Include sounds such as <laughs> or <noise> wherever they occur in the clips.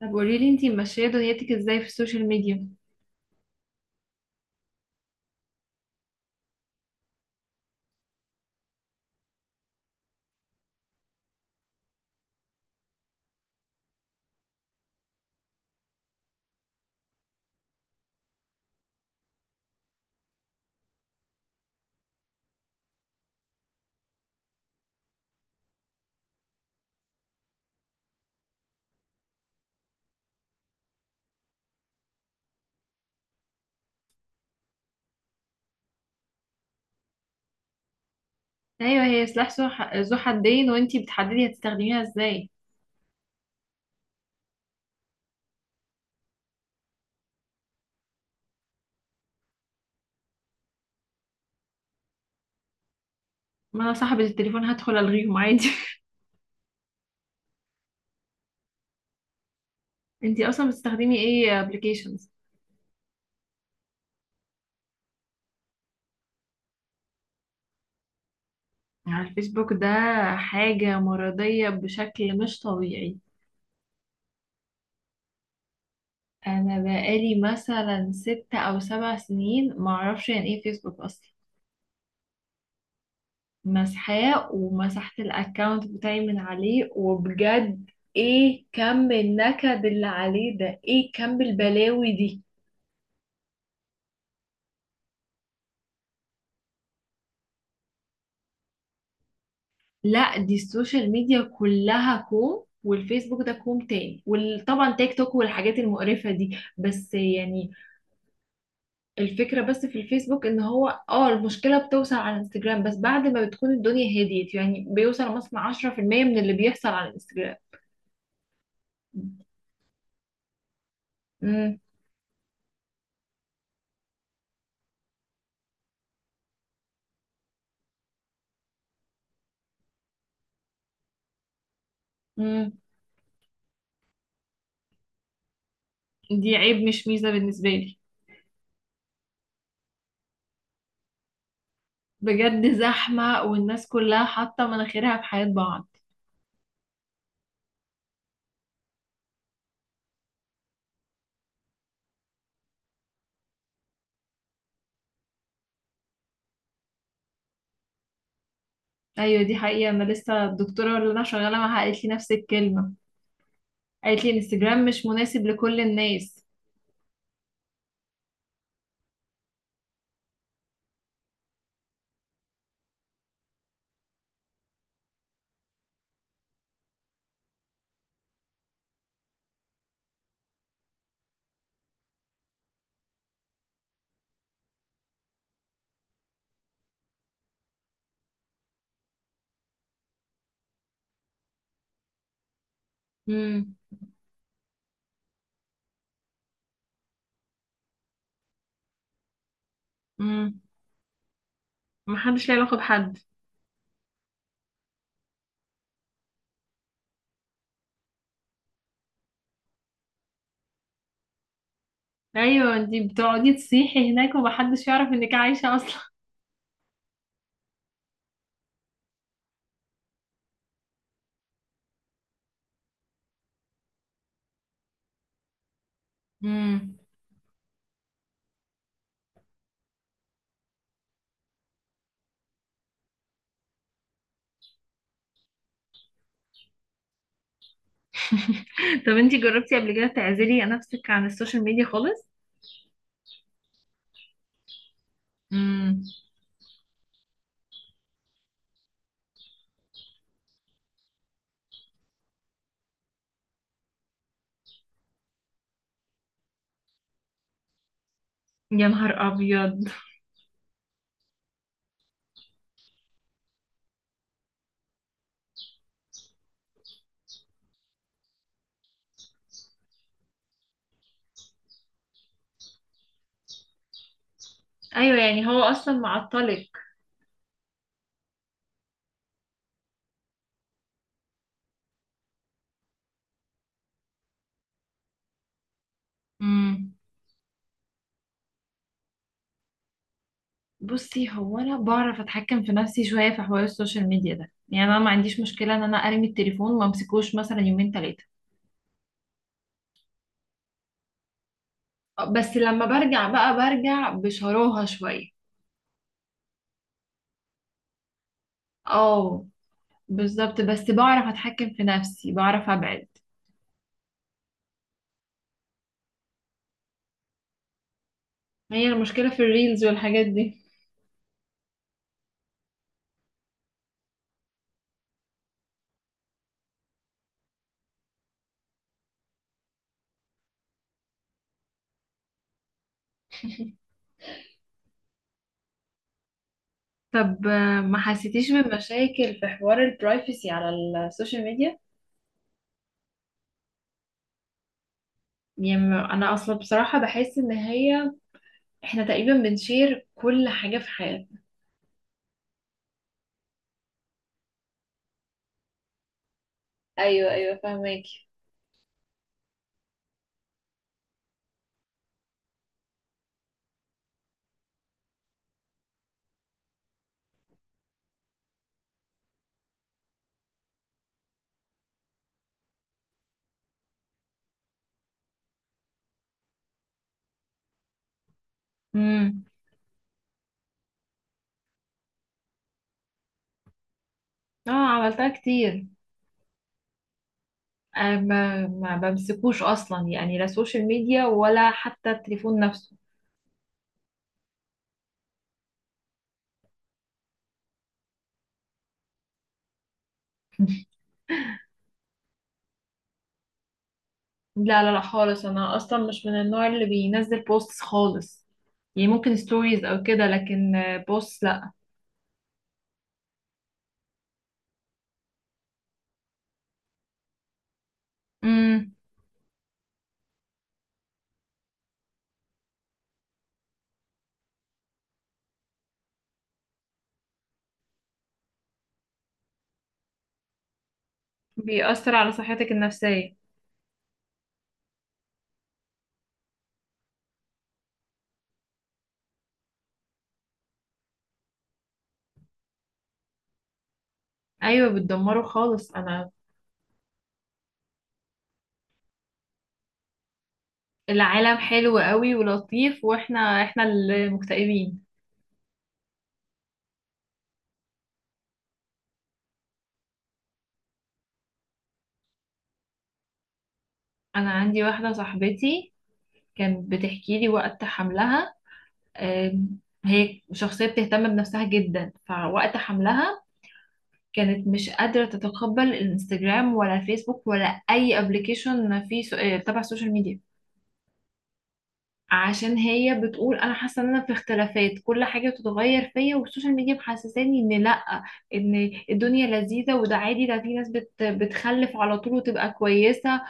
طب قولي لي انتي ماشيه دنيتك ازاي في السوشيال ميديا؟ ايوه، هي سلاح ذو حدين، وانتي بتحددي هتستخدميها ازاي. ما انا صاحبه التليفون، هدخل الغيهم عادي. <laughs> انتي اصلا بتستخدمي ايه ابلكيشنز؟ على الفيسبوك ده حاجه مرضيه بشكل مش طبيعي. انا بقالي مثلا ست او سبع سنين ما اعرفش يعني ايه فيسبوك اصلا. مسحاه ومسحت الاكونت بتاعي من عليه، وبجد ايه كم النكد اللي عليه ده، ايه كم البلاوي دي. لا، دي السوشيال ميديا كلها كوم والفيسبوك ده كوم تاني، وطبعا تيك توك والحاجات المقرفة دي، بس يعني الفكرة بس في الفيسبوك ان هو اه، المشكلة بتوصل على الانستجرام بس بعد ما بتكون الدنيا هديت، يعني بيوصل مثلا 10% من اللي بيحصل على الانستجرام. امم. امم. دي عيب مش ميزة بالنسبة لي. بجد زحمة والناس كلها حاطة مناخيرها في حياة بعض. ايوه، دي حقيقة. انا لسه الدكتورة اللي انا شغالة معاها قالت لي نفس الكلمة. قالت لي الانستجرام مش مناسب لكل الناس. امم. امم. محدش ليه علاقة بحد. ايوه، انتي بتقعدي تصيحي هناك ومحدش يعرف انك عايشة اصلا. امم. طب انتي جربتي قبل كده تعزلي نفسك عن السوشيال ميديا خالص؟ امم. يا نهار ابيض. ايوه يعني هو اصلا معطلك. امم. بصي، هو انا بعرف اتحكم في نفسي شويه في حوار السوشيال ميديا ده، يعني انا ما عنديش مشكله ان انا ارمي التليفون وما امسكوش مثلا يومين ثلاثه. بس لما برجع بقى برجع بشراهه شويه. اه، بالظبط. بس بعرف اتحكم في نفسي، بعرف ابعد. هي المشكلة في الريلز والحاجات دي. طب ما حسيتيش بمشاكل في حوار البرايفسي على السوشيال ميديا؟ يعني انا اصلا بصراحة بحس ان هي احنا تقريبا بنشير كل حاجة في حياتنا. ايوه، ايوه، فاهماكي. امم. اه، عملتها كتير. أنا ما بمسكوش اصلا، يعني لا سوشيال ميديا ولا حتى التليفون نفسه. <laughs> لا لا لا، خالص. انا اصلا مش من النوع اللي بينزل بوستس خالص، يعني ممكن ستوريز او كده، لكن بوست لا. امم. بيأثر على صحتك النفسية. ايوه، بتدمره خالص. انا العالم حلو قوي ولطيف، واحنا احنا اللي مكتئبين. انا عندي واحدة صاحبتي كانت بتحكي لي وقت حملها. آم، هي شخصية بتهتم بنفسها جدا، فوقت حملها كانت مش قادرة تتقبل الانستجرام ولا فيسبوك ولا أي ابلكيشن في سو... آه، تبع السوشيال ميديا. عشان هي بتقول أنا حاسة إن أنا في اختلافات، كل حاجة بتتغير فيا، والسوشيال ميديا محسساني إن لأ، إن الدنيا لذيذة وده عادي، ده في ناس بتخلف على طول وتبقى كويسة.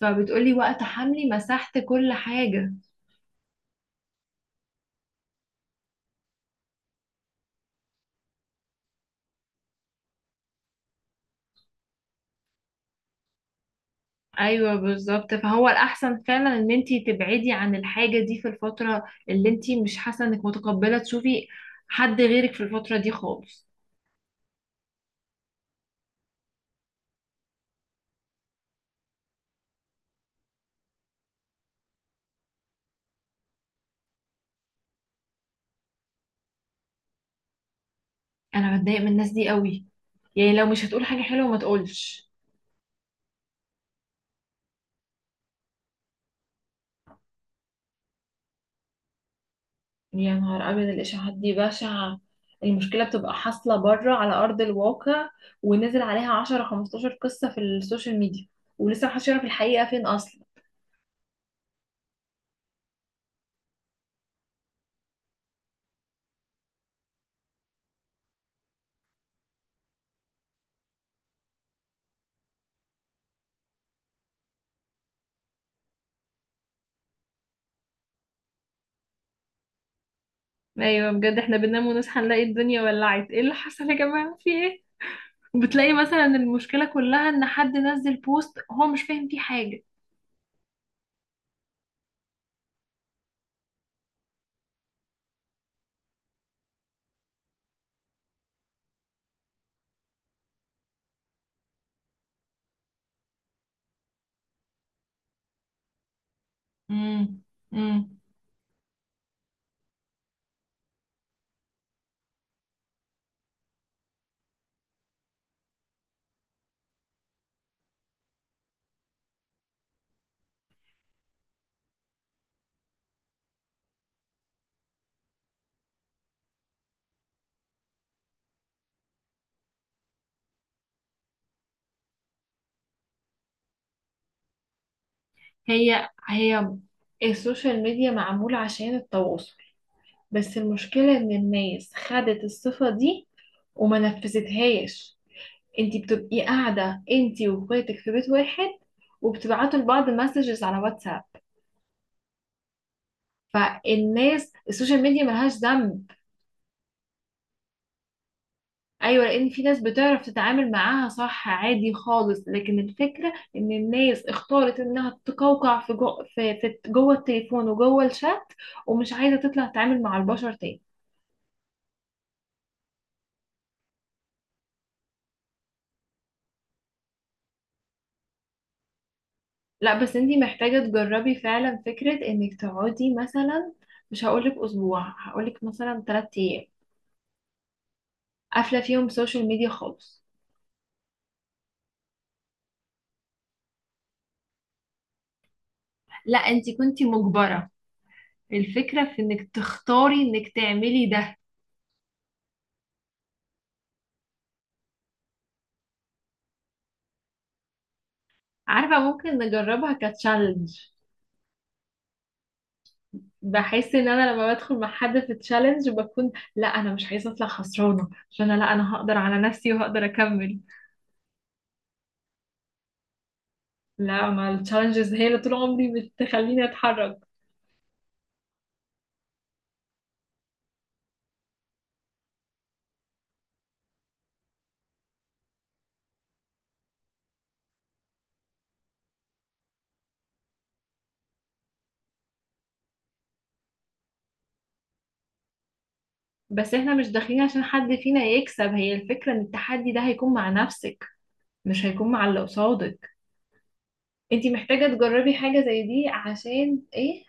فبتقولي وقت حملي مسحت كل حاجة. ايوه بالظبط، فهو الاحسن فعلا ان انتي تبعدي عن الحاجه دي في الفتره اللي انتي مش حاسه انك متقبله تشوفي حد غيرك في الفتره دي خالص. انا بتضايق من الناس دي قوي. يعني لو مش هتقول حاجه حلوه ما تقولش. يا نهار أبيض، الإشاعات دي بشعة. المشكلة بتبقى حاصلة بره على أرض الواقع، ونزل عليها عشرة خمستاشر قصة في السوشيال ميديا، ولسه محدش يعرف الحقيقة فين أصلا. ايوه بجد، احنا بننام ونصحى نلاقي الدنيا ولعت، ايه اللي حصل يا جماعه، في ايه؟ وبتلاقي مثلا المشكلة كلها ان حد نزل بوست هو مش فاهم فيه حاجة. امم. امم. هي السوشيال ميديا معمولة عشان التواصل، بس المشكلة ان الناس خدت الصفة دي وما نفذتهاش. انتي بتبقي قاعدة انتي واخواتك في بيت واحد وبتبعتوا لبعض مسجز على واتساب. فالناس السوشيال ميديا ملهاش ذنب. ايوه، لان في ناس بتعرف تتعامل معاها صح عادي خالص، لكن الفكره ان الناس اختارت انها تقوقع في جو، في جوه التليفون وجوه الشات، ومش عايزه تطلع تتعامل مع البشر تاني. لا بس انتي محتاجه تجربي فعلا فكره انك تقعدي مثلا، مش هقولك اسبوع، هقولك مثلا 3 ايام قافله فيهم سوشيال ميديا خالص. لا، انت كنتي مجبرة. الفكرة في انك تختاري انك تعملي ده. عارفه ممكن نجربها كتشالنج؟ بحس ان انا لما بدخل مع حد في تشالنج بكون لا، انا مش عايزه اطلع خسرانه، عشان انا لا، انا هقدر على نفسي وهقدر اكمل. لا، ما التشالنجز هي اللي طول عمري بتخليني اتحرك. بس احنا مش داخلين عشان حد فينا يكسب، هي الفكره ان التحدي ده هيكون مع نفسك، مش هيكون مع اللي قصادك. انتي محتاجه تجربي حاجه زي دي عشان ايه؟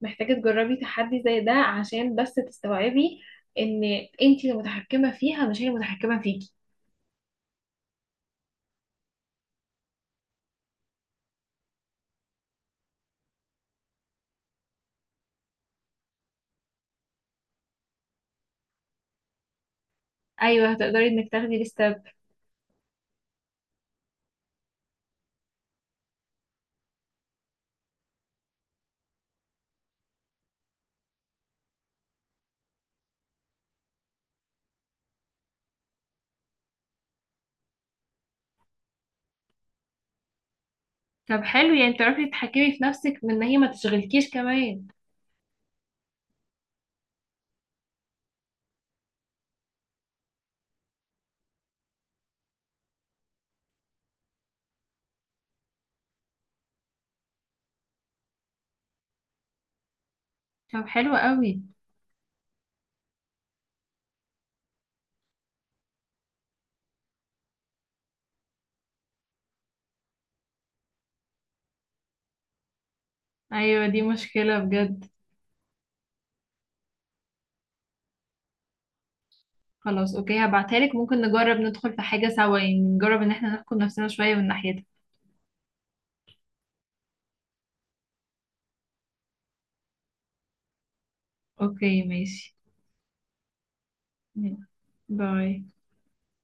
محتاجه تجربي تحدي زي ده عشان بس تستوعبي ان انتي المتحكمه فيها مش هي المتحكمه فيكي. ايوه، هتقدري انك تاخدي الستبس. طب حلو، يعني تعرفي تتحكمي في نفسك من ان هي ما تشغلكيش كمان. طب حلو قوي. ايوه، دي مشكلة بجد. خلاص، اوكي، هبعتها لك. ممكن نجرب ندخل في حاجة سوا، يعني نجرب ان احنا نحكم نفسنا شوية من ناحيتها. اوكي ماشي. مم. باي.